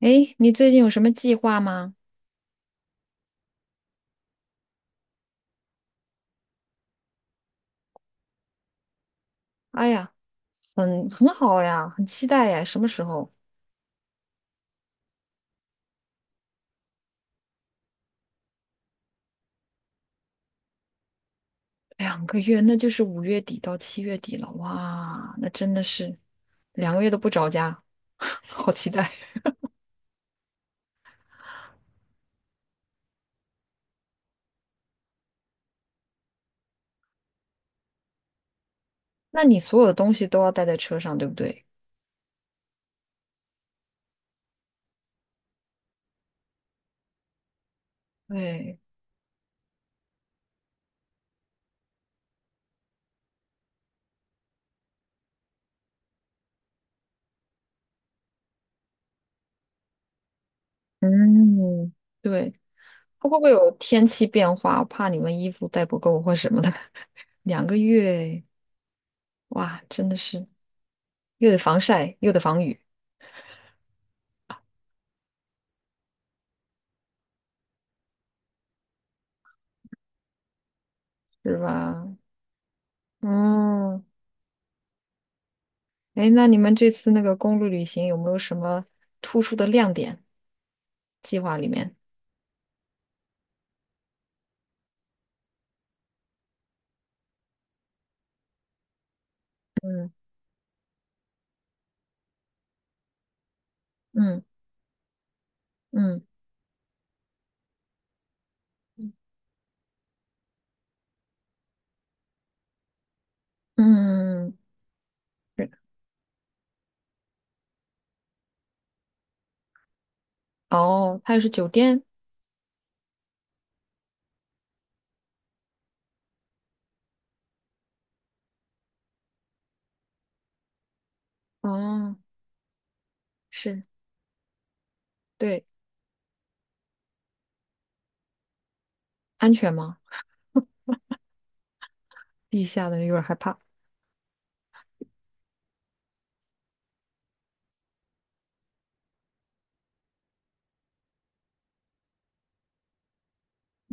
诶，你最近有什么计划吗？哎呀，很好呀，很期待呀。什么时候？两个月，那就是5月底到7月底了。哇，那真的是两个月都不着家，好期待。那你所有的东西都要带在车上，对不对？对，嗯，对。会不会有天气变化？我怕你们衣服带不够或什么的。两个月，哇，真的是又得防晒又得防雨，是吧？嗯，哎，那你们这次那个公路旅行有没有什么突出的亮点？计划里面，嗯嗯嗯嗯嗯，嗯是。哦，它也是酒店。哦，是，对，安全吗？地下的有点害怕。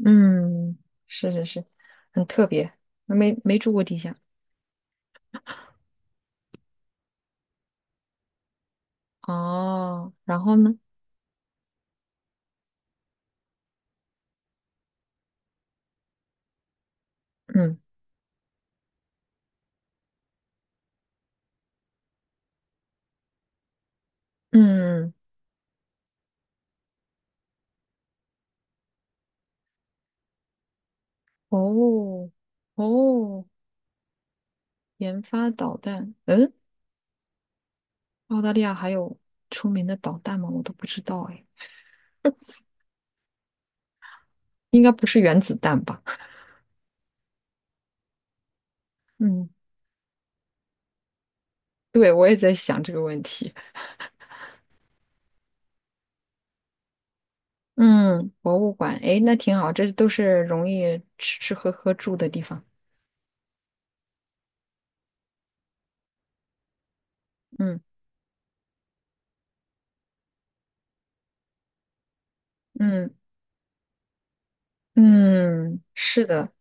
嗯，是是是，很特别，没住过地下。哦，然后呢？嗯嗯，哦哦，研发导弹，嗯，澳大利亚还有出名的导弹吗？我都不知道哎。应该不是原子弹吧？嗯，对，我也在想这个问题。嗯，博物馆，哎，那挺好，这都是容易吃吃喝喝住的地方。嗯嗯嗯，是的，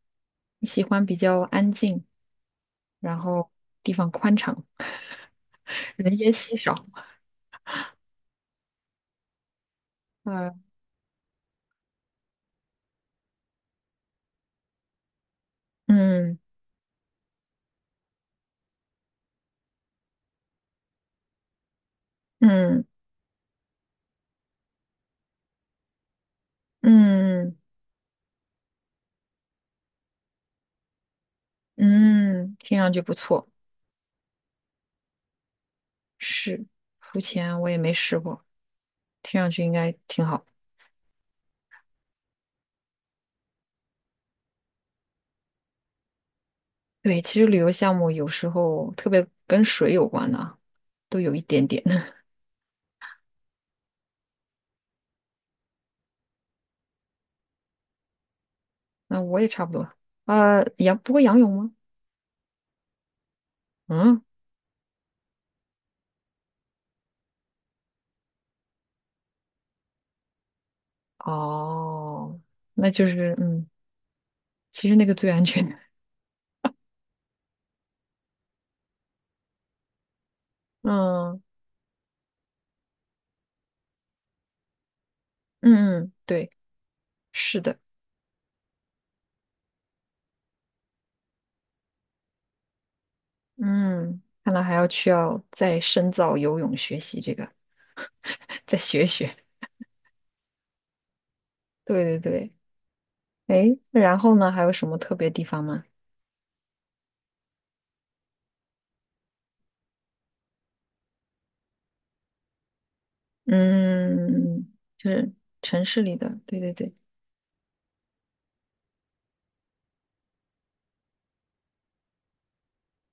你喜欢比较安静，然后地方宽敞，人烟稀少。 嗯嗯嗯嗯嗯，听上去不错。是，浮潜我也没试过，听上去应该挺好。对，其实旅游项目有时候特别跟水有关的啊，都有一点点。那我也差不多。不过仰泳吗？嗯，哦，那就是嗯，其实那个最安全。嗯嗯嗯，对，是的。嗯，看来还要需要再深造游泳学习这个，再学学。对对对。诶，然后呢，还有什么特别地方吗？嗯，就是城市里的。对对对。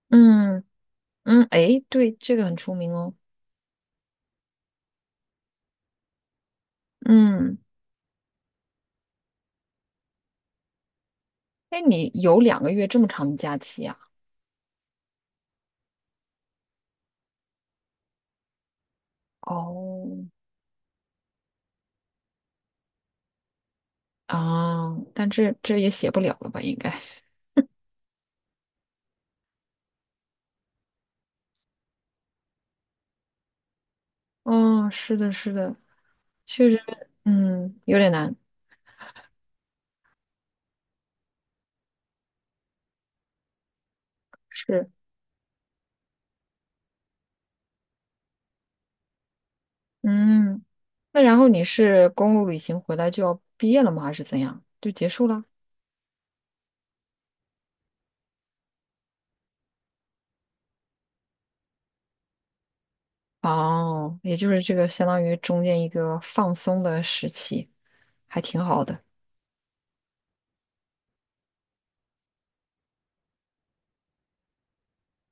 嗯。嗯，哎，对，这个很出名哦。嗯，哎，你有两个月这么长的假期呀？哦，啊，但这也写不了了吧？应该。哦，是的，是的，确实，嗯，有点难。是，嗯，那然后你是公路旅行回来就要毕业了吗？还是怎样？就结束了？哦，也就是这个相当于中间一个放松的时期，还挺好的。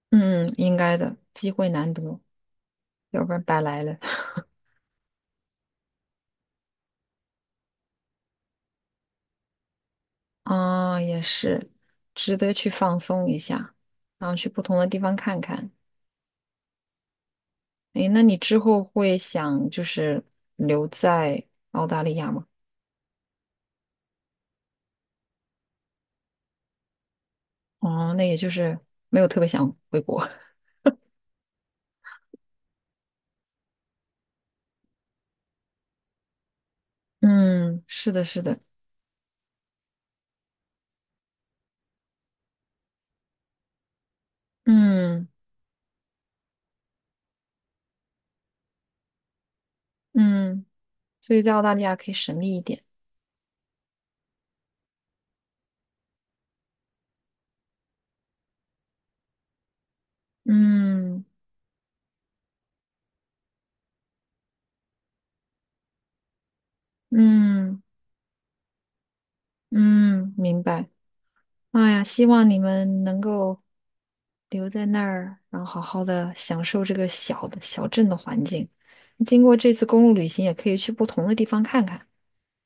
嗯，应该的，机会难得，要不然白来了。啊，也是，值得去放松一下，然后去不同的地方看看。诶，那你之后会想就是留在澳大利亚吗？哦，那也就是没有特别想回国。嗯，是的，是的，嗯嗯，所以在澳大利亚可以省力一点。嗯嗯嗯，明白。哎呀，希望你们能够留在那儿，然后好好的享受这个小的小镇的环境。经过这次公路旅行，也可以去不同的地方看看，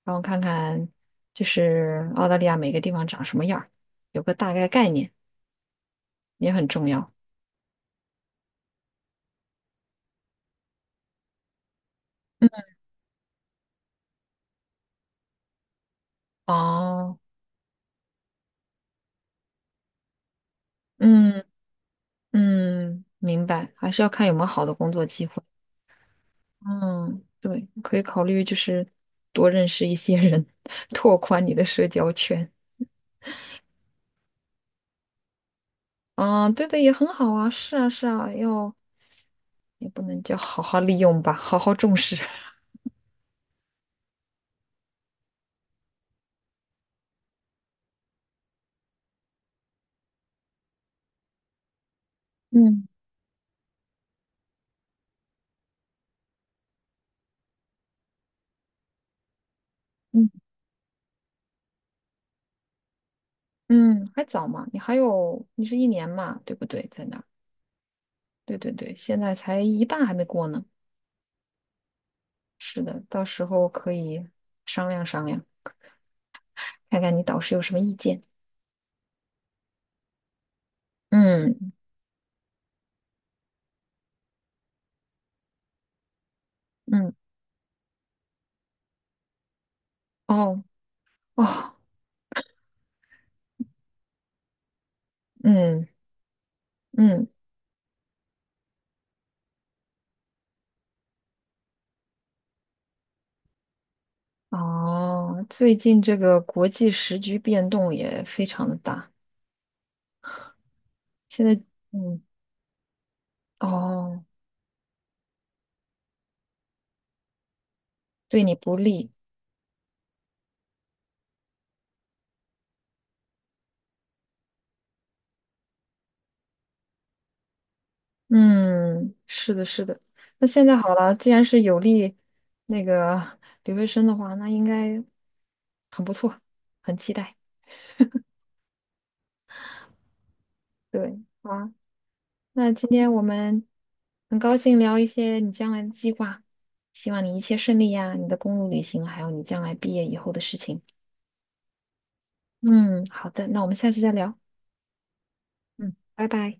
然后看看就是澳大利亚每个地方长什么样儿，有个大概概念也很重要。嗯，哦，嗯嗯，明白，还是要看有没有好的工作机会。嗯，对，可以考虑就是多认识一些人，拓宽你的社交圈。啊，对的，也很好啊，是啊，是啊，要也不能叫好好利用吧，好好重视。嗯嗯，嗯，还早嘛，你还有，你是1年嘛，对不对？在那儿，对对对，现在才一半还没过呢。是的，到时候可以商量商量，看看你导师有什么意见。嗯嗯，哦哦，嗯嗯哦，最近这个国际时局变动也非常的大，现在嗯哦，对你不利。嗯，是的，是的。那现在好了，既然是有利那个留学生的话，那应该很不错，很期待。对，好啊。那今天我们很高兴聊一些你将来的计划，希望你一切顺利呀，你的公路旅行，还有你将来毕业以后的事情。嗯，好的，那我们下次再聊。嗯，拜拜。